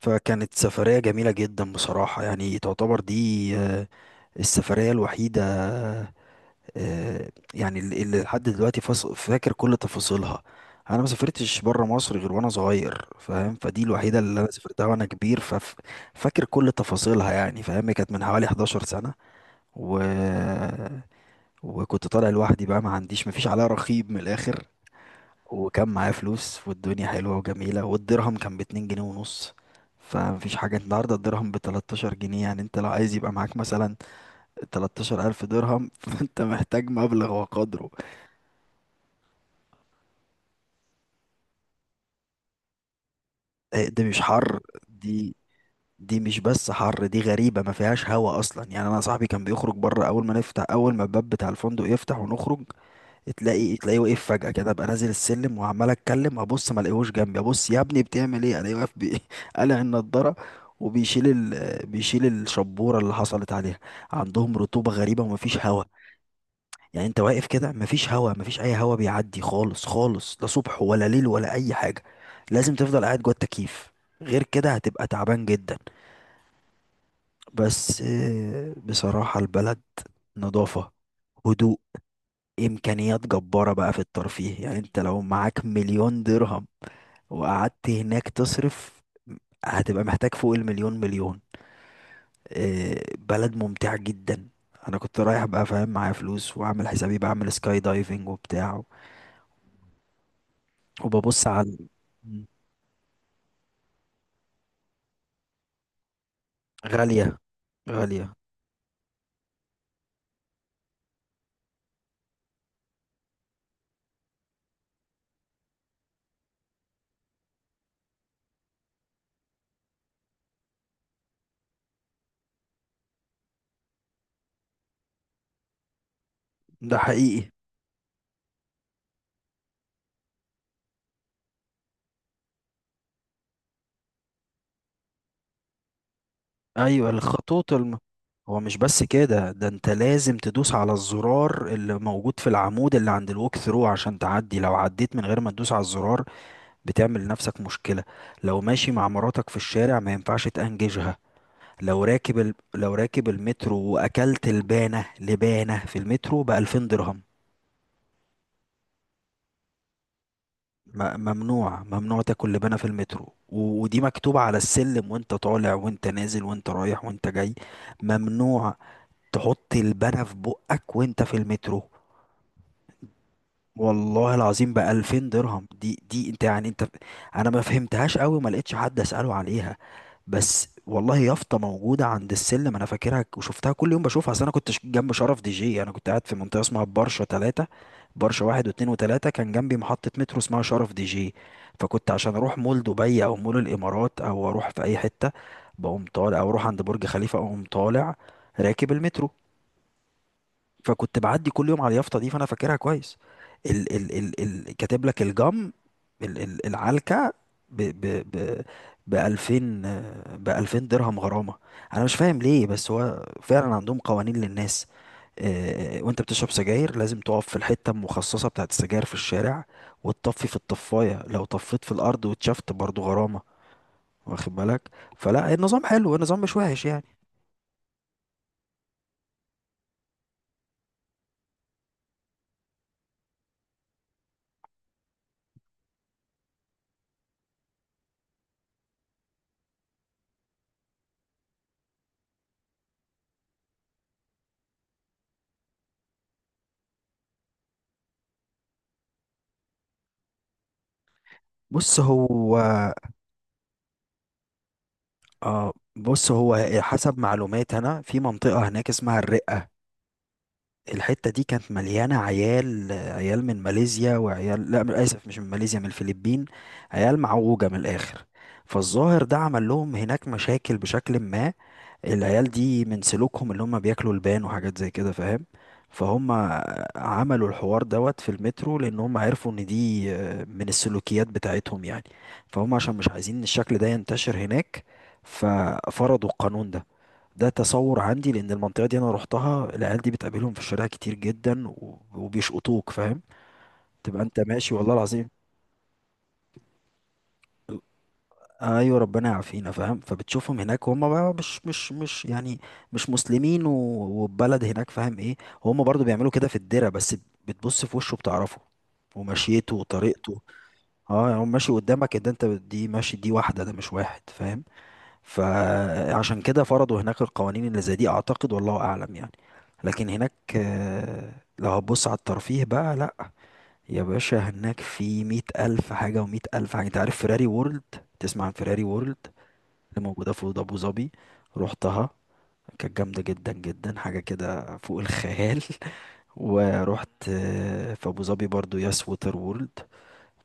فكانت سفرية جميلة جدا بصراحة يعني تعتبر دي آه، السفرية الوحيدة، يعني اللي لحد دلوقتي فاكر كل تفاصيلها. انا ما سافرتش بره مصر غير وانا صغير، فاهم؟ فدي الوحيدة اللي انا سافرتها وانا كبير، ففاكر كل تفاصيلها يعني، فاهم؟ هي كانت من حوالي 11 سنة و وكنت طالع لوحدي بقى، ما عنديش، ما فيش عليا رقيب من الاخر. وكان معايا فلوس والدنيا حلوة وجميلة، والدرهم كان باتنين جنيه ونص. فمفيش حاجة، النهاردة الدرهم بـ13 جنيه، يعني انت لو عايز يبقى معاك مثلا 13,000 درهم فانت محتاج مبلغ وقدره. إيه ده، مش حر دي دي مش بس حر، دي غريبة، ما فيهاش هوا أصلا. يعني أنا صاحبي كان بيخرج بره، أول ما الباب بتاع الفندق يفتح ونخرج، تلاقيه واقف فجأة كده. ابقى نازل السلم وعمال اتكلم، ابص ما الاقيهوش جنبي، ابص يا ابني بتعمل ايه، الاقيه واقف قالع النضارة وبيشيل بيشيل الشبورة اللي حصلت عليها. عندهم رطوبة غريبة ومفيش هوا. يعني انت واقف كده مفيش هوا، مفيش اي هوا بيعدي خالص خالص، لا صبح ولا ليل ولا اي حاجة. لازم تفضل قاعد جوه التكييف، غير كده هتبقى تعبان جدا. بس بصراحة البلد، نظافة، هدوء، امكانيات جبارة بقى في الترفيه. يعني انت لو معاك 1,000,000 درهم وقعدت هناك تصرف، هتبقى محتاج فوق المليون مليون. بلد ممتع جدا. انا كنت رايح بقى، فاهم، معايا فلوس وعامل حسابي بعمل سكاي دايفنج وبتاع وببص على. مم. غالية، غالية. ده حقيقي. ايوه، الخطوط هو مش بس كده، ده انت لازم تدوس على الزرار اللي موجود في العمود اللي عند الوك ثرو عشان تعدي. لو عديت من غير ما تدوس على الزرار بتعمل لنفسك مشكلة. لو ماشي مع مراتك في الشارع ما ينفعش تأنججها. لو راكب لو راكب المترو وأكلت لبانة، في المترو، بـ2000 درهم. م... ممنوع ممنوع تاكل لبانة في المترو، ودي مكتوبة على السلم، وانت طالع وانت نازل وانت رايح وانت جاي، ممنوع تحط لبانة في بقك وانت في المترو. والله العظيم، ب 2000 درهم. دي انت يعني، انا ما فهمتهاش قوي، ما لقيتش حد اساله عليها، بس والله يافطه موجوده عند السلم انا فاكرها. وشفتها كل يوم بشوفها، اصل انا كنت جنب شرف دي جي. انا كنت قاعد في منطقه اسمها برشا ثلاثة. برشا واحد واتنين وتلاتة، كان جنبي محطه مترو اسمها شرف دي جي. فكنت عشان اروح مول دبي او مول الامارات او اروح في اي حته بقوم طالع، او اروح عند برج خليفه اقوم طالع راكب المترو. فكنت بعدي كل يوم على اليافطه دي، فانا فاكرها كويس. ال ال ال ال كاتب لك الجم، ال ال العلكه ب ب ب ب 2000، ب 2000 درهم غرامه. انا مش فاهم ليه، بس هو فعلا عندهم قوانين للناس. وانت بتشرب سجاير لازم تقف في الحته المخصصه بتاعت السجاير في الشارع وتطفي في الطفايه، لو طفيت في الارض واتشفت برضو غرامه. واخد بالك؟ فلا، النظام حلو، النظام مش وحش يعني. بص هو، اه بص هو، حسب معلومات انا، في منطقة هناك اسمها الرقة، الحتة دي كانت مليانة عيال، عيال من ماليزيا، وعيال لا، من اسف، مش من ماليزيا، من الفلبين. عيال معوجة من الاخر. فالظاهر ده عمل لهم هناك مشاكل بشكل ما. العيال دي من سلوكهم اللي هم بياكلوا لبان وحاجات زي كده، فاهم؟ فهم عملوا الحوار دوت في المترو لان هم عرفوا ان دي، من السلوكيات بتاعتهم يعني. فهم عشان مش عايزين ان الشكل ده ينتشر هناك ففرضوا القانون ده. ده تصور عندي، لان المنطقه دي انا روحتها، العيال دي بتقابلهم في الشارع كتير جدا وبيشقطوك، فاهم؟ تبقى انت ماشي، والله العظيم. ايوه ربنا يعافينا، فاهم؟ فبتشوفهم هناك، وهم بقى مش يعني، مش مسلمين والبلد هناك، فاهم ايه. وهم برضو بيعملوا كده في الدره بس. بتبص في وشه بتعرفه، ومشيته وطريقته. اه يعني هو ماشي قدامك، ده انت دي ماشي، دي واحده، ده مش واحد، فاهم؟ فعشان كده فرضوا هناك القوانين اللي زي دي، اعتقد، والله اعلم يعني. لكن هناك، لو هتبص على الترفيه بقى، لا يا باشا، هناك في 100,000 حاجة ومئة ألف حاجة. أنت عارف فيراري وورلد؟ تسمع عن فيراري وورلد اللي موجودة في أبو ظبي؟ روحتها، كانت جامدة جدا جدا، حاجة كده فوق الخيال. ورحت في أبو ظبي برضو ياس ووتر وورلد.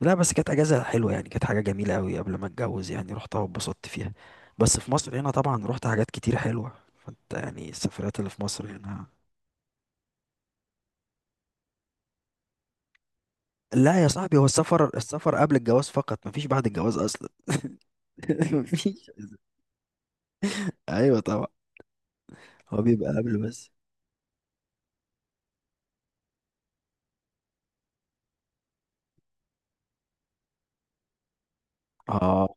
لا بس كانت أجازة حلوة يعني، كانت حاجة جميلة أوي قبل ما أتجوز. يعني روحتها واتبسطت فيها. بس في مصر هنا طبعا روحت حاجات كتير حلوة. فأنت يعني السفرات اللي في مصر هنا. لا يا صاحبي، هو السفر، قبل الجواز فقط، مفيش بعد الجواز أصلا. مفيش. أيوة طبعا. هو بيبقى قبل بس. اه.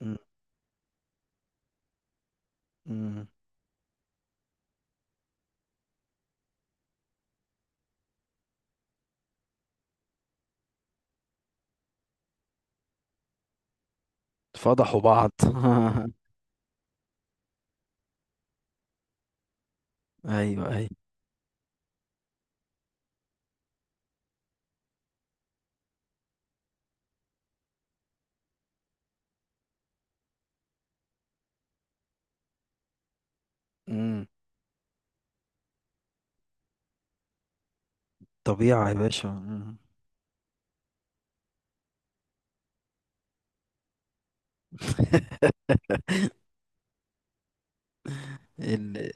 م- م. فضحوا بعض. ايوه ايوه. امم. طبيعة يا باشا. ال-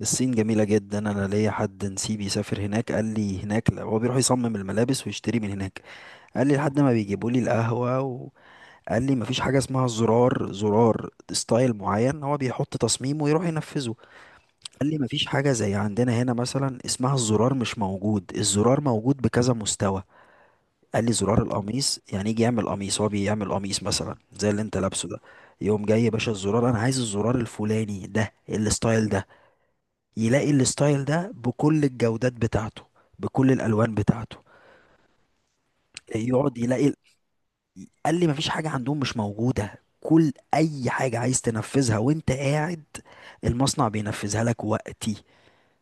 الصين جميلة جدا. انا ليا حد نسيبي سافر هناك قال لي، هناك، لا هو بيروح يصمم الملابس ويشتري من هناك. قال لي لحد ما بيجيبوا لي القهوة وقال لي مفيش حاجة اسمها زرار، زرار ستايل معين، هو بيحط تصميم ويروح ينفذه. قال لي مفيش حاجة زي عندنا هنا مثلا اسمها الزرار، مش موجود، الزرار موجود بكذا مستوى. قال لي زرار القميص، يعني يجي يعمل قميص، هو بيعمل قميص مثلا زي اللي انت لابسه ده، يقوم جاي يا باشا الزرار، انا عايز الزرار الفلاني ده، الستايل ده، يلاقي الستايل ده بكل الجودات بتاعته، بكل الالوان بتاعته، يقعد يلاقي. قال لي مفيش حاجه عندهم مش موجوده، كل اي حاجه عايز تنفذها وانت قاعد المصنع بينفذها لك وقتي،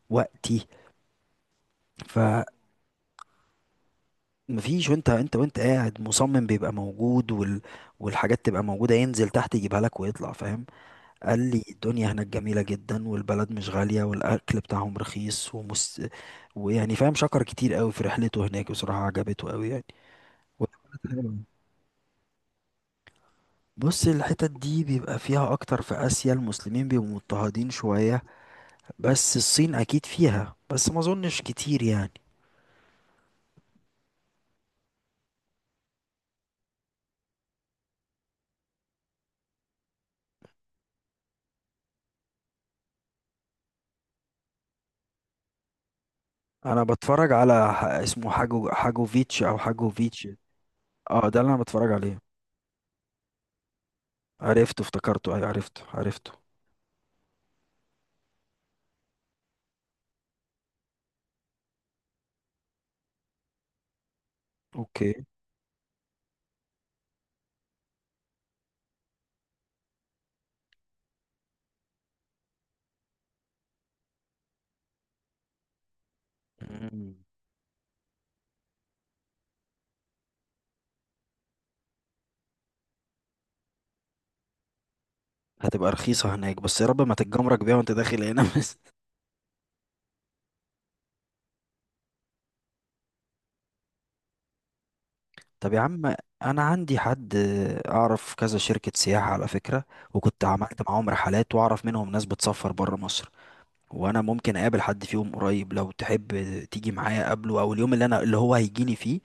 وقتي. فمفيش، وانت قاعد مصمم بيبقى موجود والحاجات تبقى موجودة، ينزل تحت يجيبها لك ويطلع، فاهم؟ قال لي الدنيا هناك جميلة جدا، والبلد مش غالية، والأكل بتاعهم رخيص ويعني فاهم شكر كتير قوي في رحلته هناك. بصراحة عجبته قوي يعني. و- بص، الحتت دي بيبقى فيها أكتر في آسيا، المسلمين بيبقوا مضطهدين شوية. بس الصين أكيد فيها، بس ما أظنش كتير يعني. أنا بتفرج على اسمه حاجوفيتش أو حاجوفيتش. اه ده اللي أنا بتفرج عليه. عرفته، افتكرته، أيوة عرفته. أوكي. مم. هتبقى رخيصة هناك، بس يا رب ما تتجمرك بيها وانت داخل هنا بس. طب يا عم، انا عندي حد، اعرف كذا شركة سياحة على فكرة، وكنت عملت معاهم رحلات واعرف منهم ناس بتسافر برا مصر. وانا ممكن اقابل حد فيهم قريب لو تحب، تيجي معايا اقابله، او اليوم اللي انا، اللي هو هيجيلي فيه،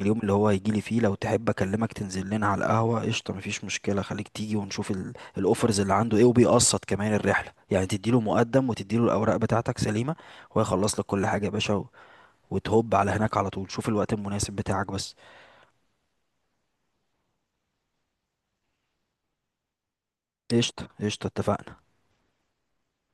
اليوم اللي هو هيجيلي فيه لو تحب اكلمك تنزل لنا على القهوة، قشطة، مفيش مشكلة، خليك تيجي ونشوف الاوفرز اللي عنده ايه، وبيقسط كمان الرحلة، يعني تديله مقدم وتديله الاوراق بتاعتك سليمة ويخلص لك كل حاجة يا باشا، وتهوب على هناك على طول. شوف الوقت المناسب بتاعك بس. قشطة قشطة، اتفقنا.